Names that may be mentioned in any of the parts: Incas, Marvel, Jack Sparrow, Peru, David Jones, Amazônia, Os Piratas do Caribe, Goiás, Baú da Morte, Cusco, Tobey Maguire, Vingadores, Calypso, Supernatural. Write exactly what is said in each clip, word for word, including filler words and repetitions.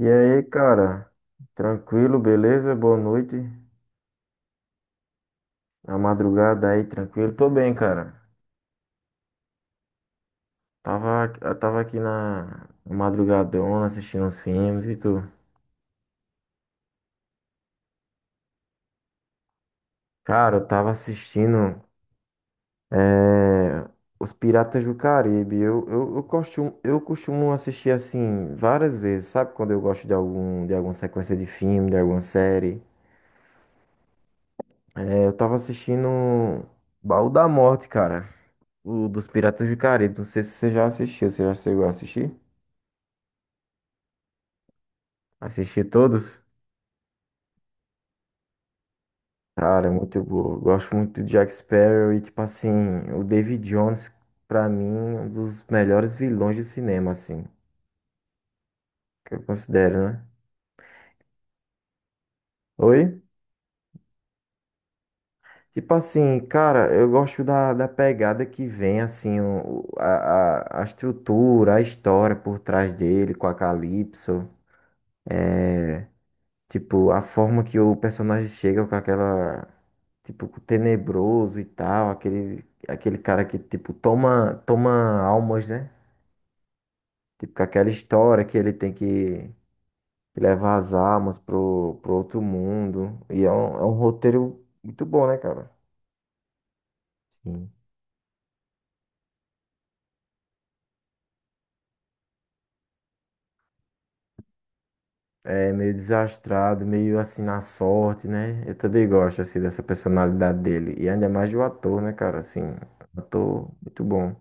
E aí, cara? Tranquilo, beleza? Boa noite. A madrugada aí, tranquilo? Tô bem, cara. Tava, eu tava aqui na na madrugadona assistindo uns filmes e tu. Cara, eu tava assistindo eh, Os Piratas do Caribe. Eu, eu, eu costumo, eu costumo assistir assim várias vezes, sabe? Quando eu gosto de algum, de alguma sequência de filme, de alguma série. Eh, eu tava assistindo Baú da Morte, cara. O dos Piratas do Caribe. Não sei se você já assistiu. Você já chegou a assistir? Assisti todos? Cara, é muito boa. Eu gosto muito do Jack Sparrow e, tipo assim, o David Jones, pra mim, um dos melhores vilões do cinema, assim, que eu considero, né? Oi? Tipo assim, cara, eu gosto da, da pegada que vem, assim, o- o- a, a, a estrutura, a história por trás dele, com a Calypso. É, tipo, a forma que o personagem chega com aquela, tipo, com o tenebroso e tal, aquele, aquele cara que, tipo, toma, toma almas, né? Tipo, com aquela história que ele tem que levar as almas pro, pro outro mundo. E é um, é um roteiro muito bom, né, cara? Sim. É meio desastrado, meio assim na sorte, né? Eu também gosto, assim, dessa personalidade dele. E ainda mais do ator, né, cara? Assim, um ator muito bom.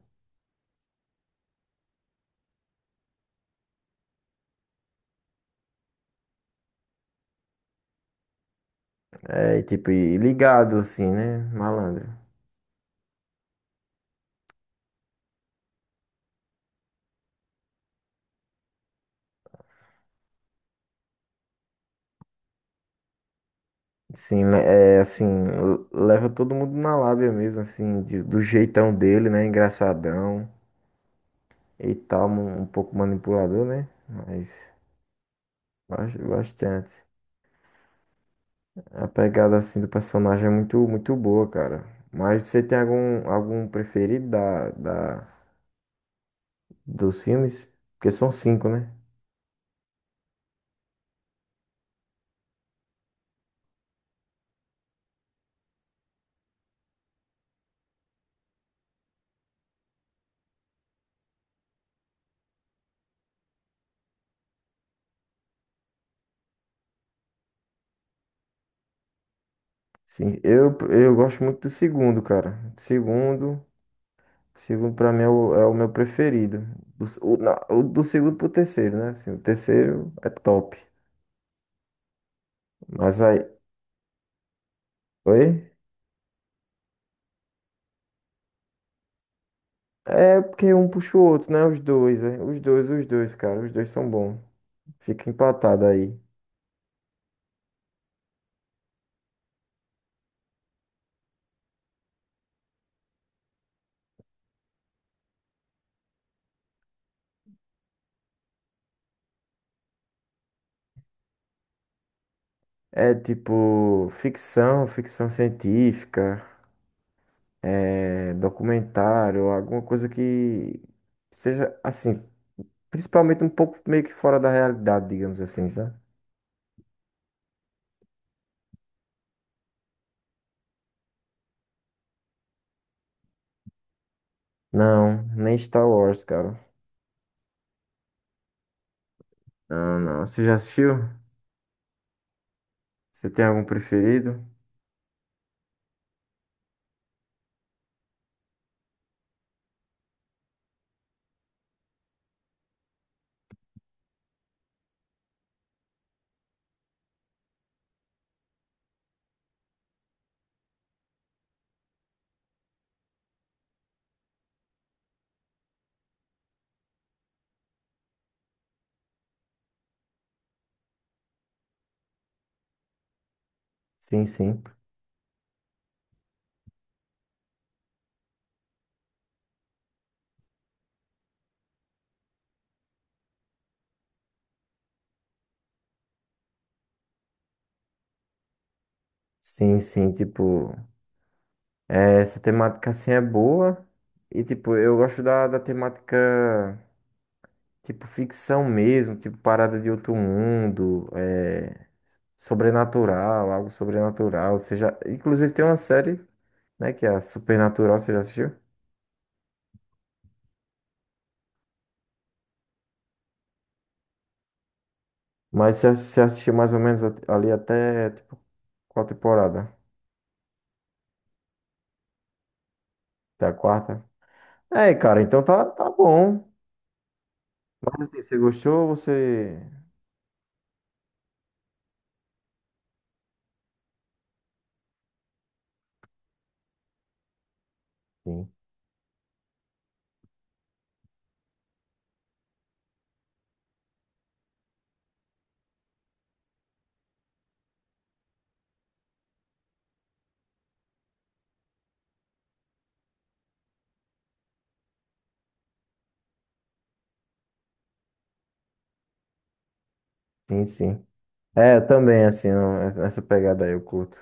É, e tipo, e ligado, assim, né? Malandro. Sim, né, é assim, l- leva todo mundo na lábia mesmo, assim, de- do jeitão dele, né? Engraçadão e tal, um, um pouco manipulador, né? Mas bas- bastante. A pegada assim do personagem é muito, muito boa, cara. Mas você tem algum, algum preferido da, da, dos filmes? Porque são cinco, né? Sim, eu, eu gosto muito do segundo, cara. Segundo. O segundo pra mim é o, é o meu preferido. Do, s- o, na- o do segundo pro terceiro, né? Assim, o terceiro é top. Mas aí. Oi? É porque um puxa o outro, né? Os dois, é. Os dois, os dois, cara. Os dois são bons. Fica empatado aí. É tipo ficção, ficção científica, é, documentário, alguma coisa que seja assim, principalmente um pouco meio que fora da realidade, digamos assim, sabe? Não, nem Star Wars, cara. Não, não. Você já assistiu? Você tem algum preferido? Sim, sim. Sim, sim, tipo, é, essa temática assim é boa. E tipo, eu gosto da, da temática tipo ficção mesmo, tipo parada de outro mundo, é, sobrenatural, algo sobrenatural. Você já, inclusive tem uma série, né, que é a Supernatural, você já assistiu? Mas você ass- você assistiu mais ou menos at- ali até tipo qual temporada? Até a quarta? É, cara, então tá, tá bom. Mas assim, você gostou, você sim, sim. Sim. É, eu também, assim, não- essa pegada aí eu curto.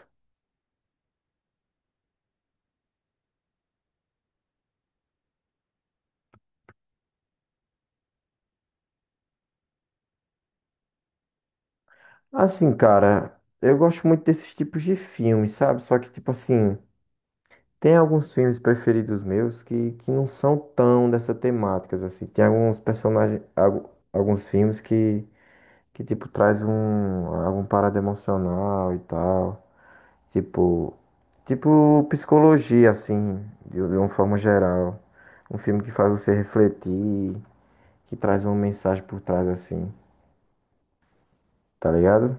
Assim, cara, eu gosto muito desses tipos de filmes, sabe? Só que, tipo assim, tem alguns filmes preferidos meus que, que não são tão dessa temática, assim. Tem alguns personagens, algu- alguns filmes que, que tipo, traz um, algum parada emocional e tal. Tipo, tipo psicologia, assim, de, de uma forma geral. Um filme que faz você refletir, que traz uma mensagem por trás assim, tá ligado?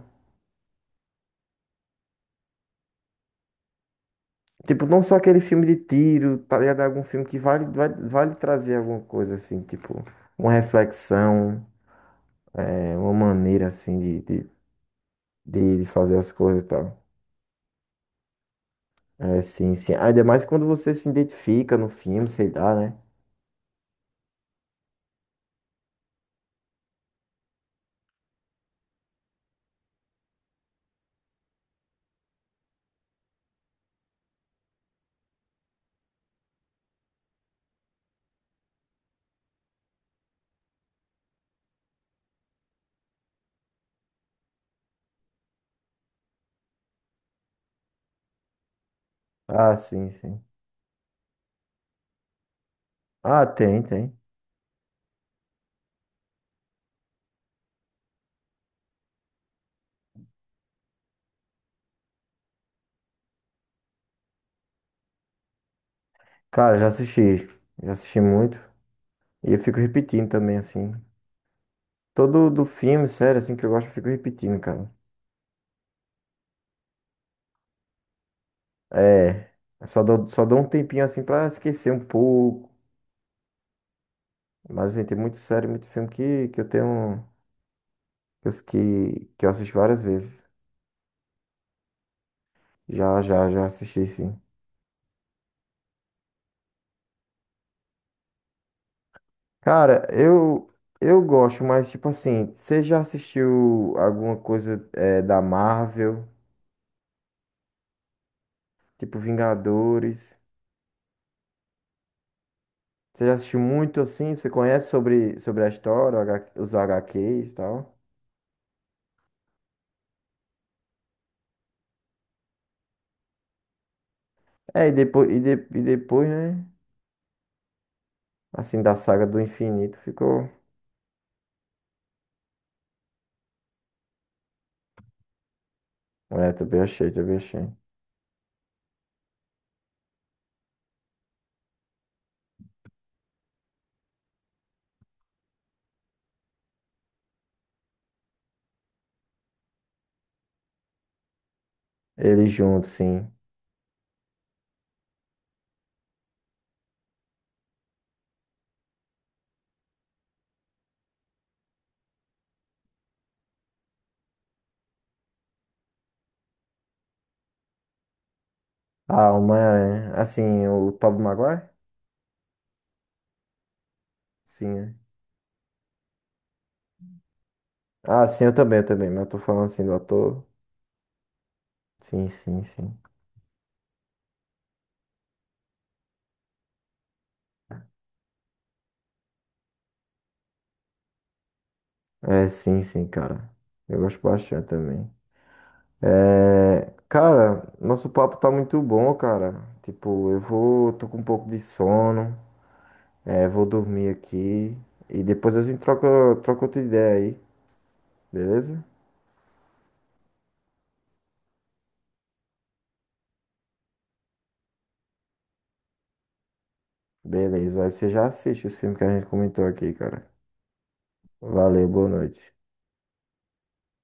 Tipo, não só aquele filme de tiro, tá ligado? Algum filme que vale, vale, vale trazer alguma coisa assim, tipo, uma reflexão, é, uma maneira assim de, de, de- de fazer as coisas e tal. É, sim, sim. Ainda mais quando você se identifica no filme, sei lá, né? Ah, sim, sim. Ah, tem, tem. Cara, já assisti. Já assisti muito. E eu fico repetindo também, assim. Todo do filme, sério, assim, que eu gosto, eu fico repetindo, cara. É, só dou, só dou um tempinho assim pra esquecer um pouco. Mas assim, tem muito série, muito filme que, que eu tenho. Que, eu- que que eu assisti várias vezes. Já, já, já assisti, sim. Cara, eu, eu gosto, mas tipo assim, você já assistiu alguma coisa é, da Marvel? Tipo Vingadores? Você já assistiu muito assim? Você conhece sobre, sobre a história, o H- os H Qs e tal? É, e depois, e, de- e depois, né? Assim, da saga do infinito ficou. É, também achei, também achei. Eles juntos, sim. Ah, uma é. Assim, o Tobey Maguire? Sim, é. Ah, sim, eu também, eu também. Mas eu tô falando assim do ator. Sim, sim, sim. É, sim, sim, cara. Eu gosto bastante também. É. Cara, nosso papo tá muito bom, cara. Tipo, eu vou. Tô com um pouco de sono. É, vou dormir aqui. E depois a gente troca, troca outra ideia aí, beleza? Beleza. Aí você já assiste os filmes que a gente comentou aqui, cara. Valeu, boa noite.